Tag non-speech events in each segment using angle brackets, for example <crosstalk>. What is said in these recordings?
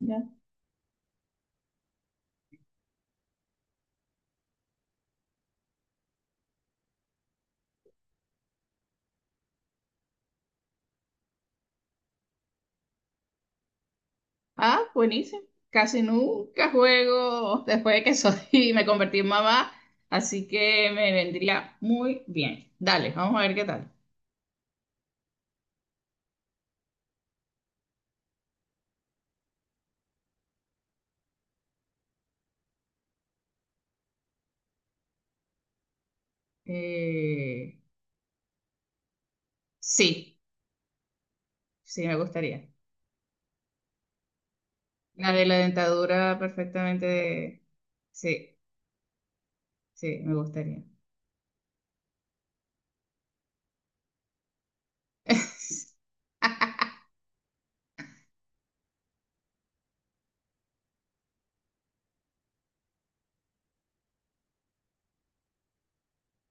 Ya. Ah, buenísimo. Casi nunca juego <laughs> después de que soy <laughs> me convertí en mamá, así que me vendría muy bien. Dale, vamos a ver qué tal. Eh, sí, sí, me gustaría. La de la dentadura perfectamente. Sí, sí, me gustaría. <laughs>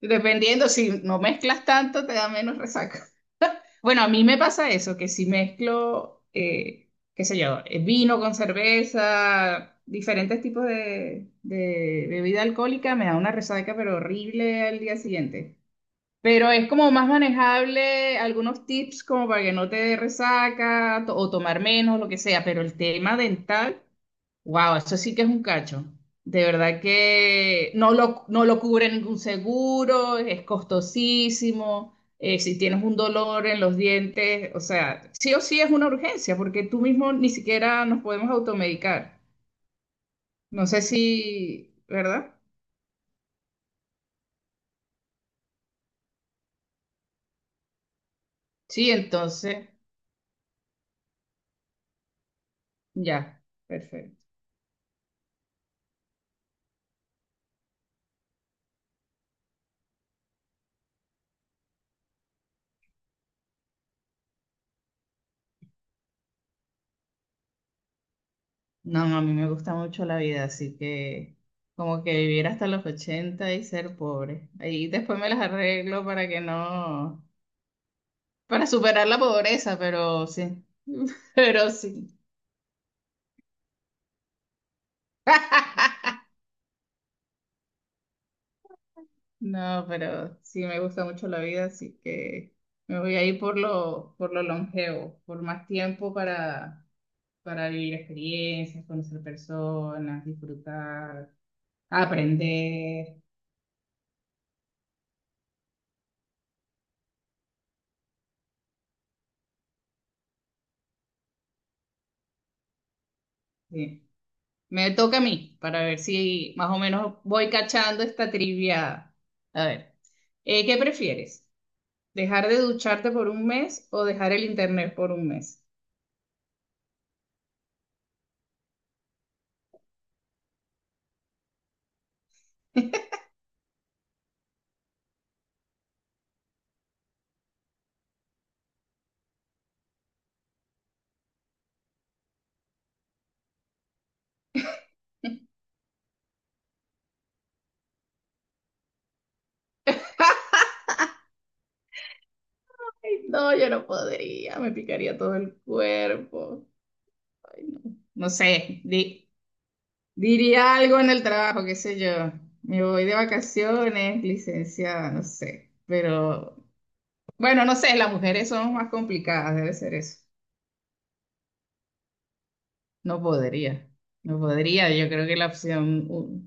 Dependiendo, si no mezclas tanto, te da menos resaca. <laughs> Bueno, a mí me pasa eso, que si mezclo, qué sé yo, vino con cerveza, diferentes tipos de bebida alcohólica, me da una resaca, pero horrible al día siguiente. Pero es como más manejable algunos tips como para que no te dé resaca o tomar menos, lo que sea, pero el tema dental. Wow, eso sí que es un cacho. De verdad que no lo cubre ningún seguro, es costosísimo. Si tienes un dolor en los dientes, o sea, sí o sí es una urgencia, porque tú mismo ni siquiera nos podemos automedicar. No sé si, ¿verdad? Sí, entonces, ya, perfecto. No, no, a mí me gusta mucho la vida, así que como que vivir hasta los 80 y ser pobre. Ahí después me las arreglo para que no. Para superar la pobreza, pero sí. <laughs> Pero sí. No, pero sí me gusta mucho la vida, así que me voy a ir por lo longevo, por más tiempo para vivir experiencias, conocer personas, disfrutar, aprender. Sí. Me toca a mí para ver si más o menos voy cachando esta trivia. A ver, ¿qué prefieres? ¿Dejar de ducharte por un mes o dejar el internet por un mes? Ay, no, yo no podría, me picaría todo el cuerpo. Ay, no. No sé, diría algo en el trabajo, qué sé yo. Me voy de vacaciones, licenciada, no sé. Pero bueno, no sé, las mujeres son más complicadas, debe ser eso. No podría, no podría, yo creo que la opción uno.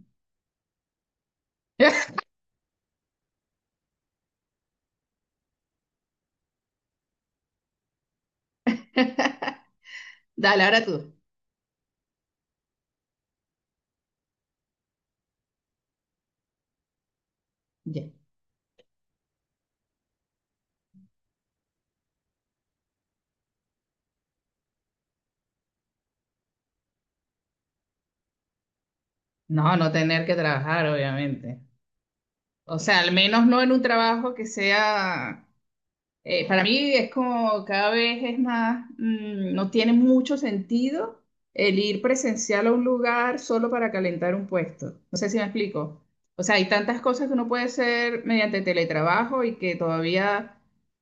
<laughs> Dale, ahora tú. Ya. No, no tener que trabajar, obviamente. O sea, al menos no en un trabajo que sea. Para mí es como cada vez es más, no tiene mucho sentido el ir presencial a un lugar solo para calentar un puesto. No sé si me explico. O sea, hay tantas cosas que uno puede hacer mediante teletrabajo y que todavía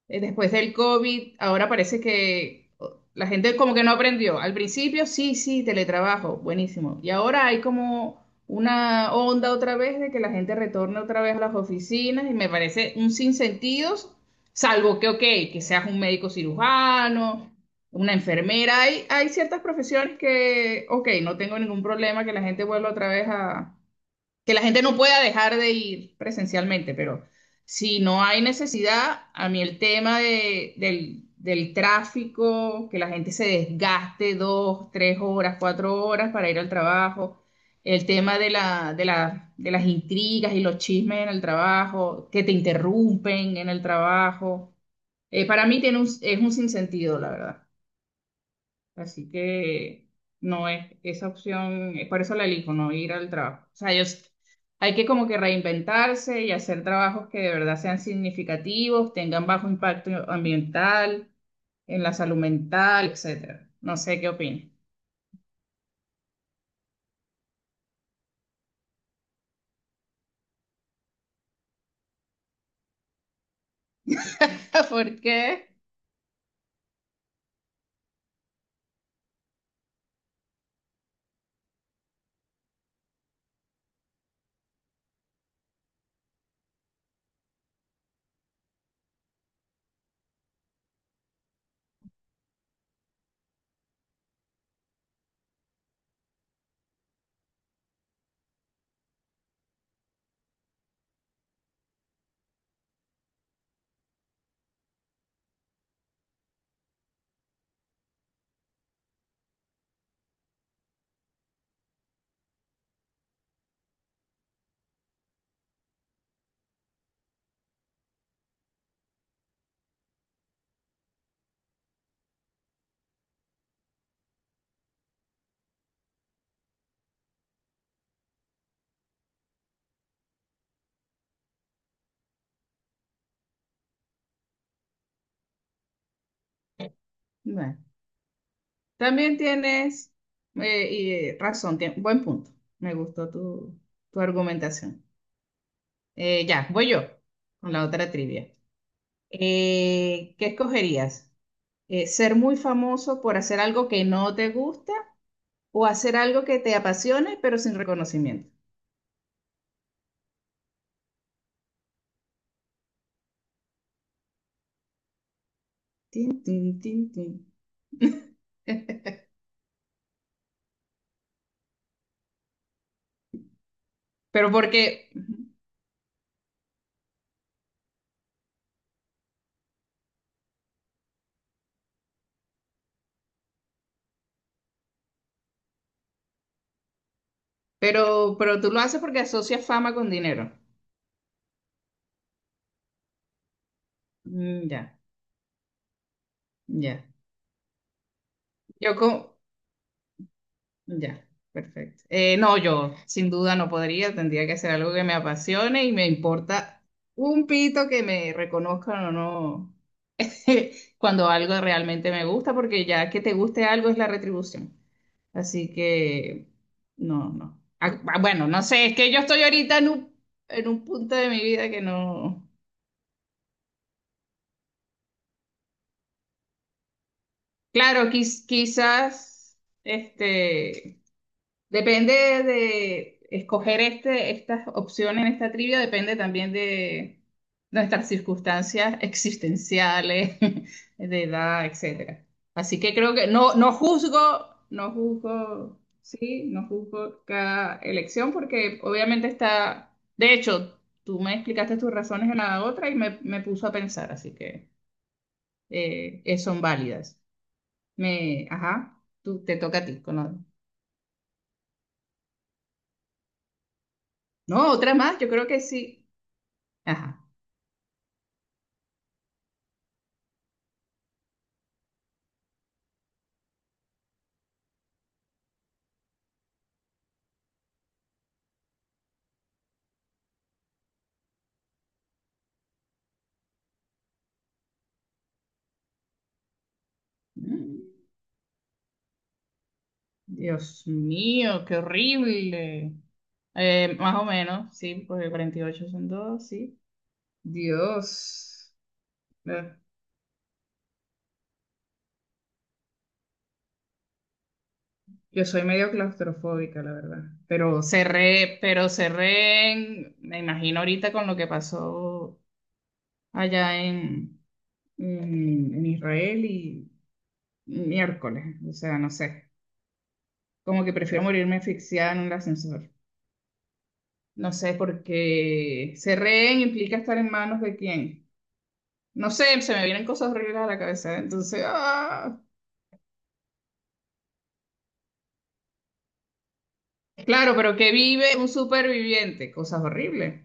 después del COVID, ahora parece que oh, la gente como que no aprendió. Al principio, sí, sí, teletrabajo, buenísimo. Y ahora hay como una onda otra vez de que la gente retorne otra vez a las oficinas y me parece un sinsentido. Salvo que, ok, que seas un médico cirujano, una enfermera, hay ciertas profesiones que, ok, no tengo ningún problema que la gente vuelva otra vez a, que la gente no pueda dejar de ir presencialmente, pero si no hay necesidad, a mí el tema del tráfico, que la gente se desgaste 2, 3 horas, 4 horas para ir al trabajo, el tema de las intrigas y los chismes en el trabajo, que te interrumpen en el trabajo. Para mí tiene es un sinsentido, la verdad. Así que no es esa opción, es por eso la elijo, no ir al trabajo. O sea, yo. Hay que como que reinventarse y hacer trabajos que de verdad sean significativos, tengan bajo impacto ambiental, en la salud mental, etcétera. No sé qué opinas. <laughs> ¿Por qué? Bueno, también tienes y, razón, buen punto. Me gustó tu argumentación. Ya, voy yo con la otra trivia. ¿Qué escogerías? ¿Ser muy famoso por hacer algo que no te gusta o hacer algo que te apasione pero sin reconocimiento? Tin, tin, tin, tin. <laughs> Pero porque, pero tú lo haces porque asocias fama con dinero. Mm, ya, ya. Yo con, ya, perfecto. No, yo sin duda no podría, tendría que hacer algo que me apasione y me importa un pito que me reconozcan o no <laughs> cuando algo realmente me gusta, porque ya que te guste algo es la retribución. Así que, no, no. Ah, ah, bueno, no sé, es que yo estoy ahorita en un punto de mi vida que no. Claro, quizás, este, depende de escoger esta opción en esta trivia, depende también de nuestras circunstancias existenciales, <laughs> de edad, etcétera. Así que creo que no, no juzgo, no juzgo, sí, no juzgo cada elección porque obviamente está, de hecho, tú me explicaste tus razones en la otra y me puso a pensar, así que son válidas. Ajá, te toca a ti. No, otra más, yo creo que sí. Ajá. Dios mío, qué horrible. Más o menos, sí, porque 48 son 2, sí. Dios. Eh, Yo soy medio claustrofóbica, la verdad. Pero cerré. Me imagino ahorita con lo que pasó allá en Israel y miércoles. O sea, no sé. Como que prefiero morirme asfixiada en un ascensor. No sé, porque cerré implica estar en manos de quién. No sé, se me vienen cosas horribles a la cabeza. Entonces, ah. Claro, pero que vive un superviviente, cosas horribles.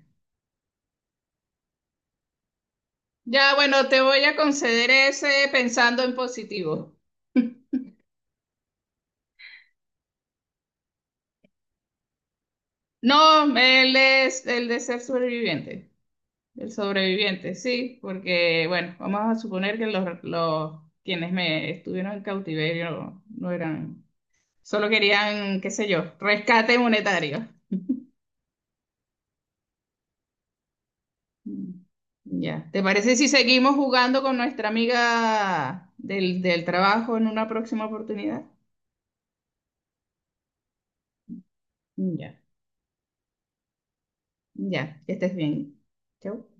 Ya, bueno, te voy a conceder ese pensando en positivo. No, él es el de ser superviviente, el sobreviviente, sí, porque, bueno, vamos a suponer que los quienes me estuvieron en cautiverio no eran, solo querían, qué sé yo, rescate monetario. Mm. Ya, ¿te parece si seguimos jugando con nuestra amiga del trabajo en una próxima oportunidad? Ya, ya, que estés bien. Chau.